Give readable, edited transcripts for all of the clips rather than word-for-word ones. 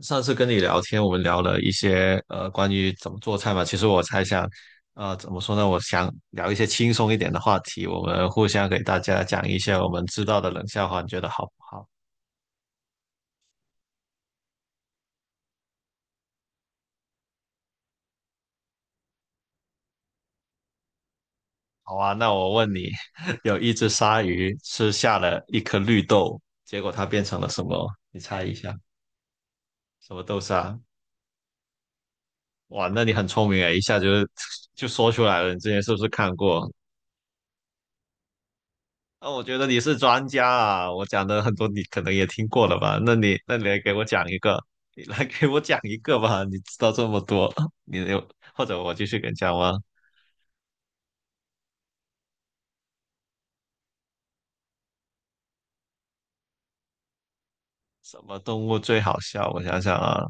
上次跟你聊天，我们聊了一些关于怎么做菜嘛。其实我猜想，怎么说呢？我想聊一些轻松一点的话题，我们互相给大家讲一些我们知道的冷笑话，你觉得好不好？好啊，那我问你，有一只鲨鱼吃下了一颗绿豆，结果它变成了什么？你猜一下，什么豆沙？哇，那你很聪明诶，一下就 就说出来了。你之前是不是看过？啊，我觉得你是专家啊，我讲的很多你可能也听过了吧？那你来给我讲一个，你来给我讲一个吧。你知道这么多，你有或者我继续给你讲吗？什么动物最好笑？我想想啊，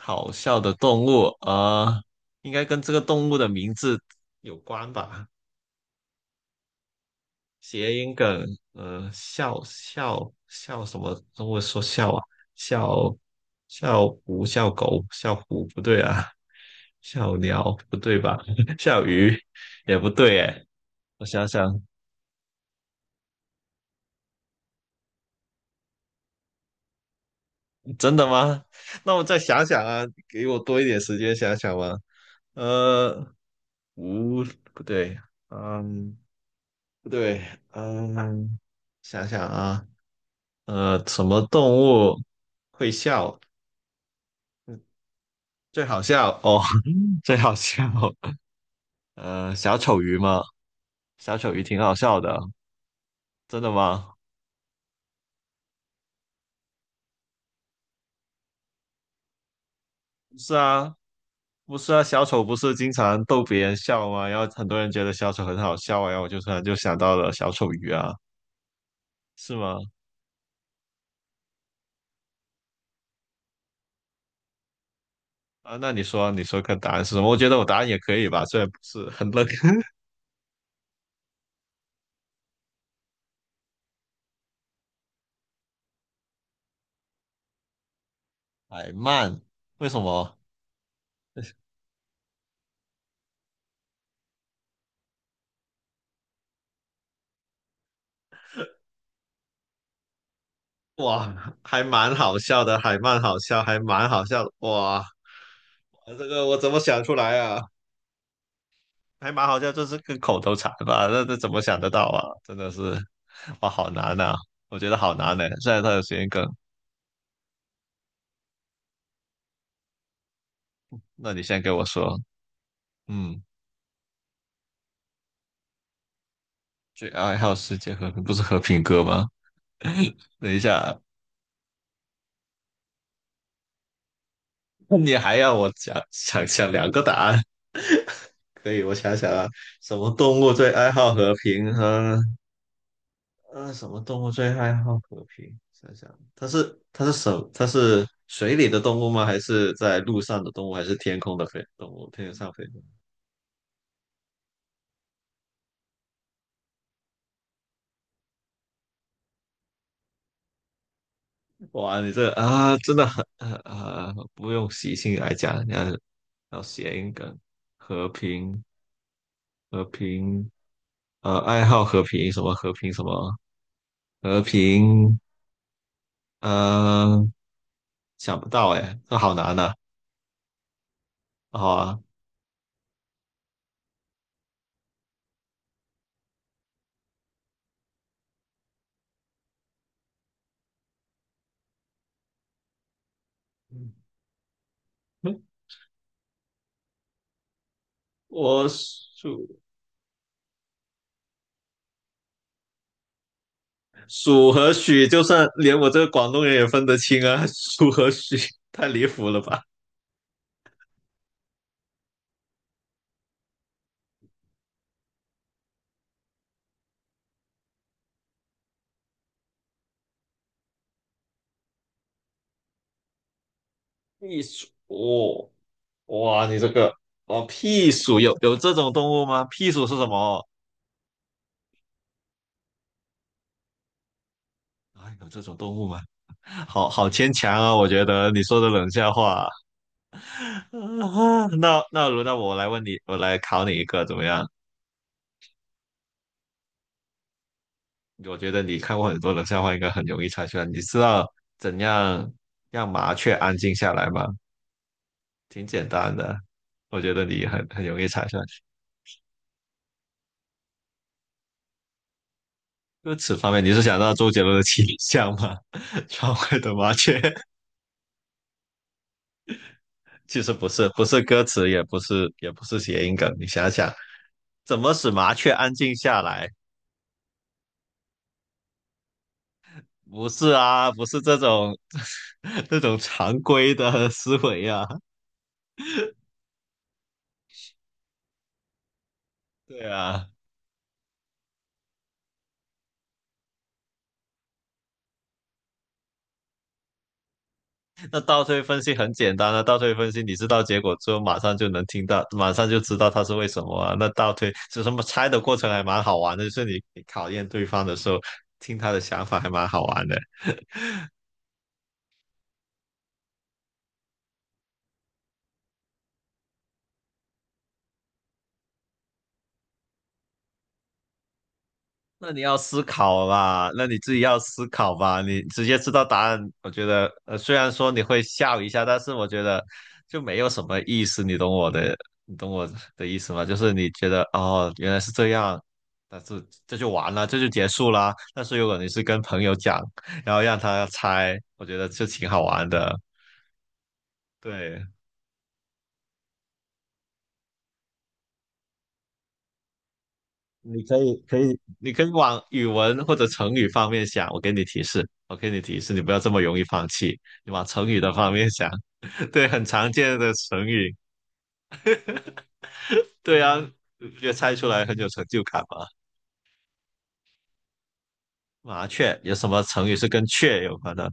好笑的动物啊，应该跟这个动物的名字有关吧？谐音梗，呃，笑什么？中文说笑啊，笑笑虎、笑狗、笑虎不对啊，笑鸟不对吧？笑鱼也不对哎，我想想，真的吗？那我再想想啊，给我多一点时间想想吧。呃，无不对，嗯，不对，嗯，想想啊，呃，什么动物会笑？最好笑哦，最好笑，呃，小丑鱼吗？小丑鱼挺好笑的，真的吗？不是啊，不是啊，小丑不是经常逗别人笑吗？然后很多人觉得小丑很好笑啊然后我就突然就想到了小丑鱼啊，是吗？啊，那你说，你说个答案是什么？我觉得我答案也可以吧，虽然不是很乐。海曼，为什么？哇，还蛮好笑的，海曼好笑，还蛮好笑的，哇，这个我怎么想出来啊？还蛮好笑，就是个口头禅吧，那这怎么想得到啊？真的是，哇，好难啊！我觉得好难呢、虽然它有时间梗，那你先给我说，嗯，最爱好世界和平不是和平鸽吗？等一下，那你还要我想两个答案？可以，我想想啊，什么动物最爱好和平和什么动物最爱好和平？想想，它是什？它是水里的动物吗？还是在路上的动物？还是天空的飞动物？天上飞的？哇，你这个啊，真的很啊，不用习性来讲，你要要谐音梗，和平和平，呃，爱好和平什么和平什么和平，呃，想不到哎，这好难呐、啊，好啊，嗯我数数和许，就算连我这个广东人也分得清啊，数和许太离谱了吧？避暑，哦哇，你这个哦，屁鼠有这种动物吗？屁鼠是什么？啊，有这种动物吗？好牵强啊，我觉得你说的冷笑话。啊，那轮到我来问你，我来考你一个怎么样？我觉得你看过很多冷笑话，应该很容易猜出来。你知道怎样让麻雀安静下来吗？挺简单的，我觉得你很容易猜出来。歌词方面，你是想到周杰伦的《七里香》吗？窗外的麻雀，其实不是，不是歌词，也不是，也不是谐音梗。你想想，怎么使麻雀安静下来？不是啊，不是这种 这种常规的思维啊。对啊，那倒推分析很简单啊，倒推分析你知道结果之后，马上就能听到，马上就知道它是为什么啊。那倒推就什么猜的过程还蛮好玩的，就是你考验对方的时候，听他的想法还蛮好玩的。那你要思考吧，那你自己要思考吧。你直接知道答案，我觉得，虽然说你会笑一下，但是我觉得就没有什么意思。你懂我的，你懂我的意思吗？就是你觉得哦，原来是这样，但是这就完了，这就结束啦。但是如果你是跟朋友讲，然后让他猜，我觉得就挺好玩的。对，你可以，你可以往语文或者成语方面想。我给你提示，我给你提示，你不要这么容易放弃，你往成语的方面想。对，很常见的成语。对啊，就猜出来很有成就感嘛。麻雀有什么成语是跟雀有关的？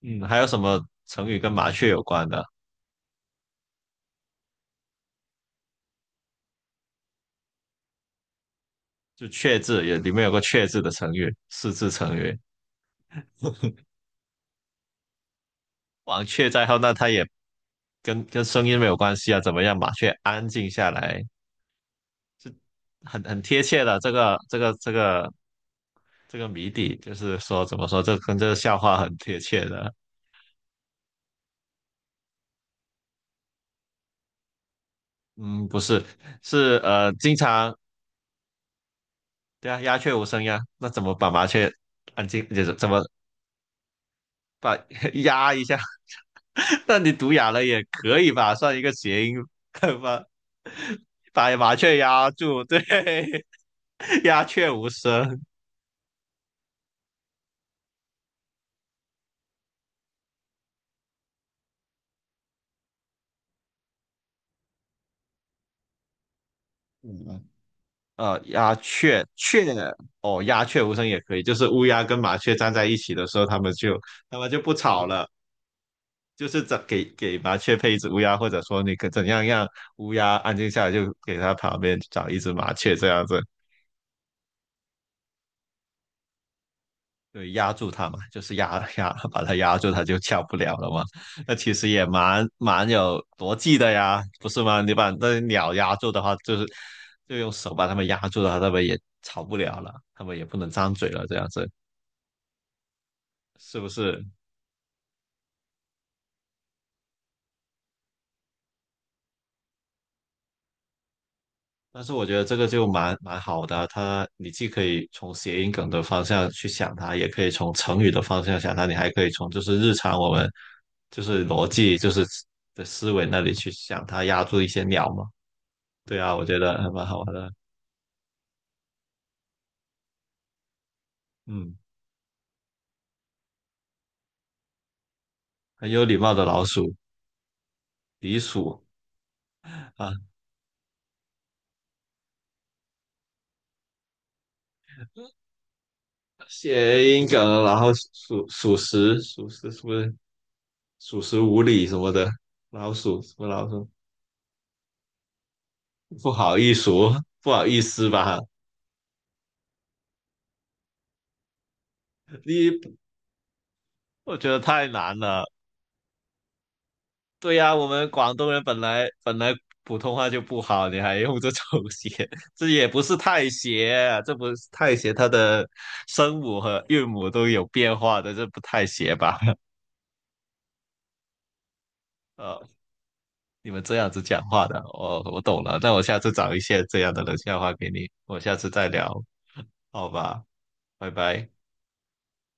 嗯，还有什么成语跟麻雀有关的？就雀字也里面有个雀字的成语，四字成语。王雀在后，那它也跟声音没有关系啊。怎么样，麻雀安静下来，是很贴切的。这个谜底，就是说怎么说，这跟这个笑话很贴切的。嗯，不是，是经常对啊，鸦雀无声呀，那怎么把麻雀安静，就是怎么把 压一下？那你读哑了也可以吧，算一个谐音吧，把麻雀压住，对，鸦雀无声。嗯，鸦雀哦，鸦雀无声也可以，就是乌鸦跟麻雀站在一起的时候，它们就不吵了，就是怎给麻雀配一只乌鸦，或者说你可怎样让乌鸦安静下来，就给它旁边找一只麻雀这样子。对，压住它嘛，就是压 压把它压住，它就下不了了嘛。那其实也蛮有逻辑的呀，不是吗？你把那鸟压住的话，就是就用手把它们压住的话，它们也吵不了了，它们也不能张嘴了，这样子是不是？但是我觉得这个就蛮好的啊，它你既可以从谐音梗的方向去想它，也可以从成语的方向想它，你还可以从就是日常我们就是逻辑就是的思维那里去想它压住一些鸟嘛。对啊，我觉得还蛮好玩的。嗯，很有礼貌的老鼠，狸鼠啊，谐音梗，然后属实，属实是不是属实无礼什么的？老鼠什么老鼠？不好意思哦，不好意思吧？你我觉得太难了。对呀、我们广东人本来普通话就不好，你还用这种写，这也不是太写，这不是太写，它的声母和韵母都有变化的，这不太写吧？呃，你们这样子讲话的，我懂了。那我下次找一些这样的冷笑话给你，我下次再聊，好吧，拜拜。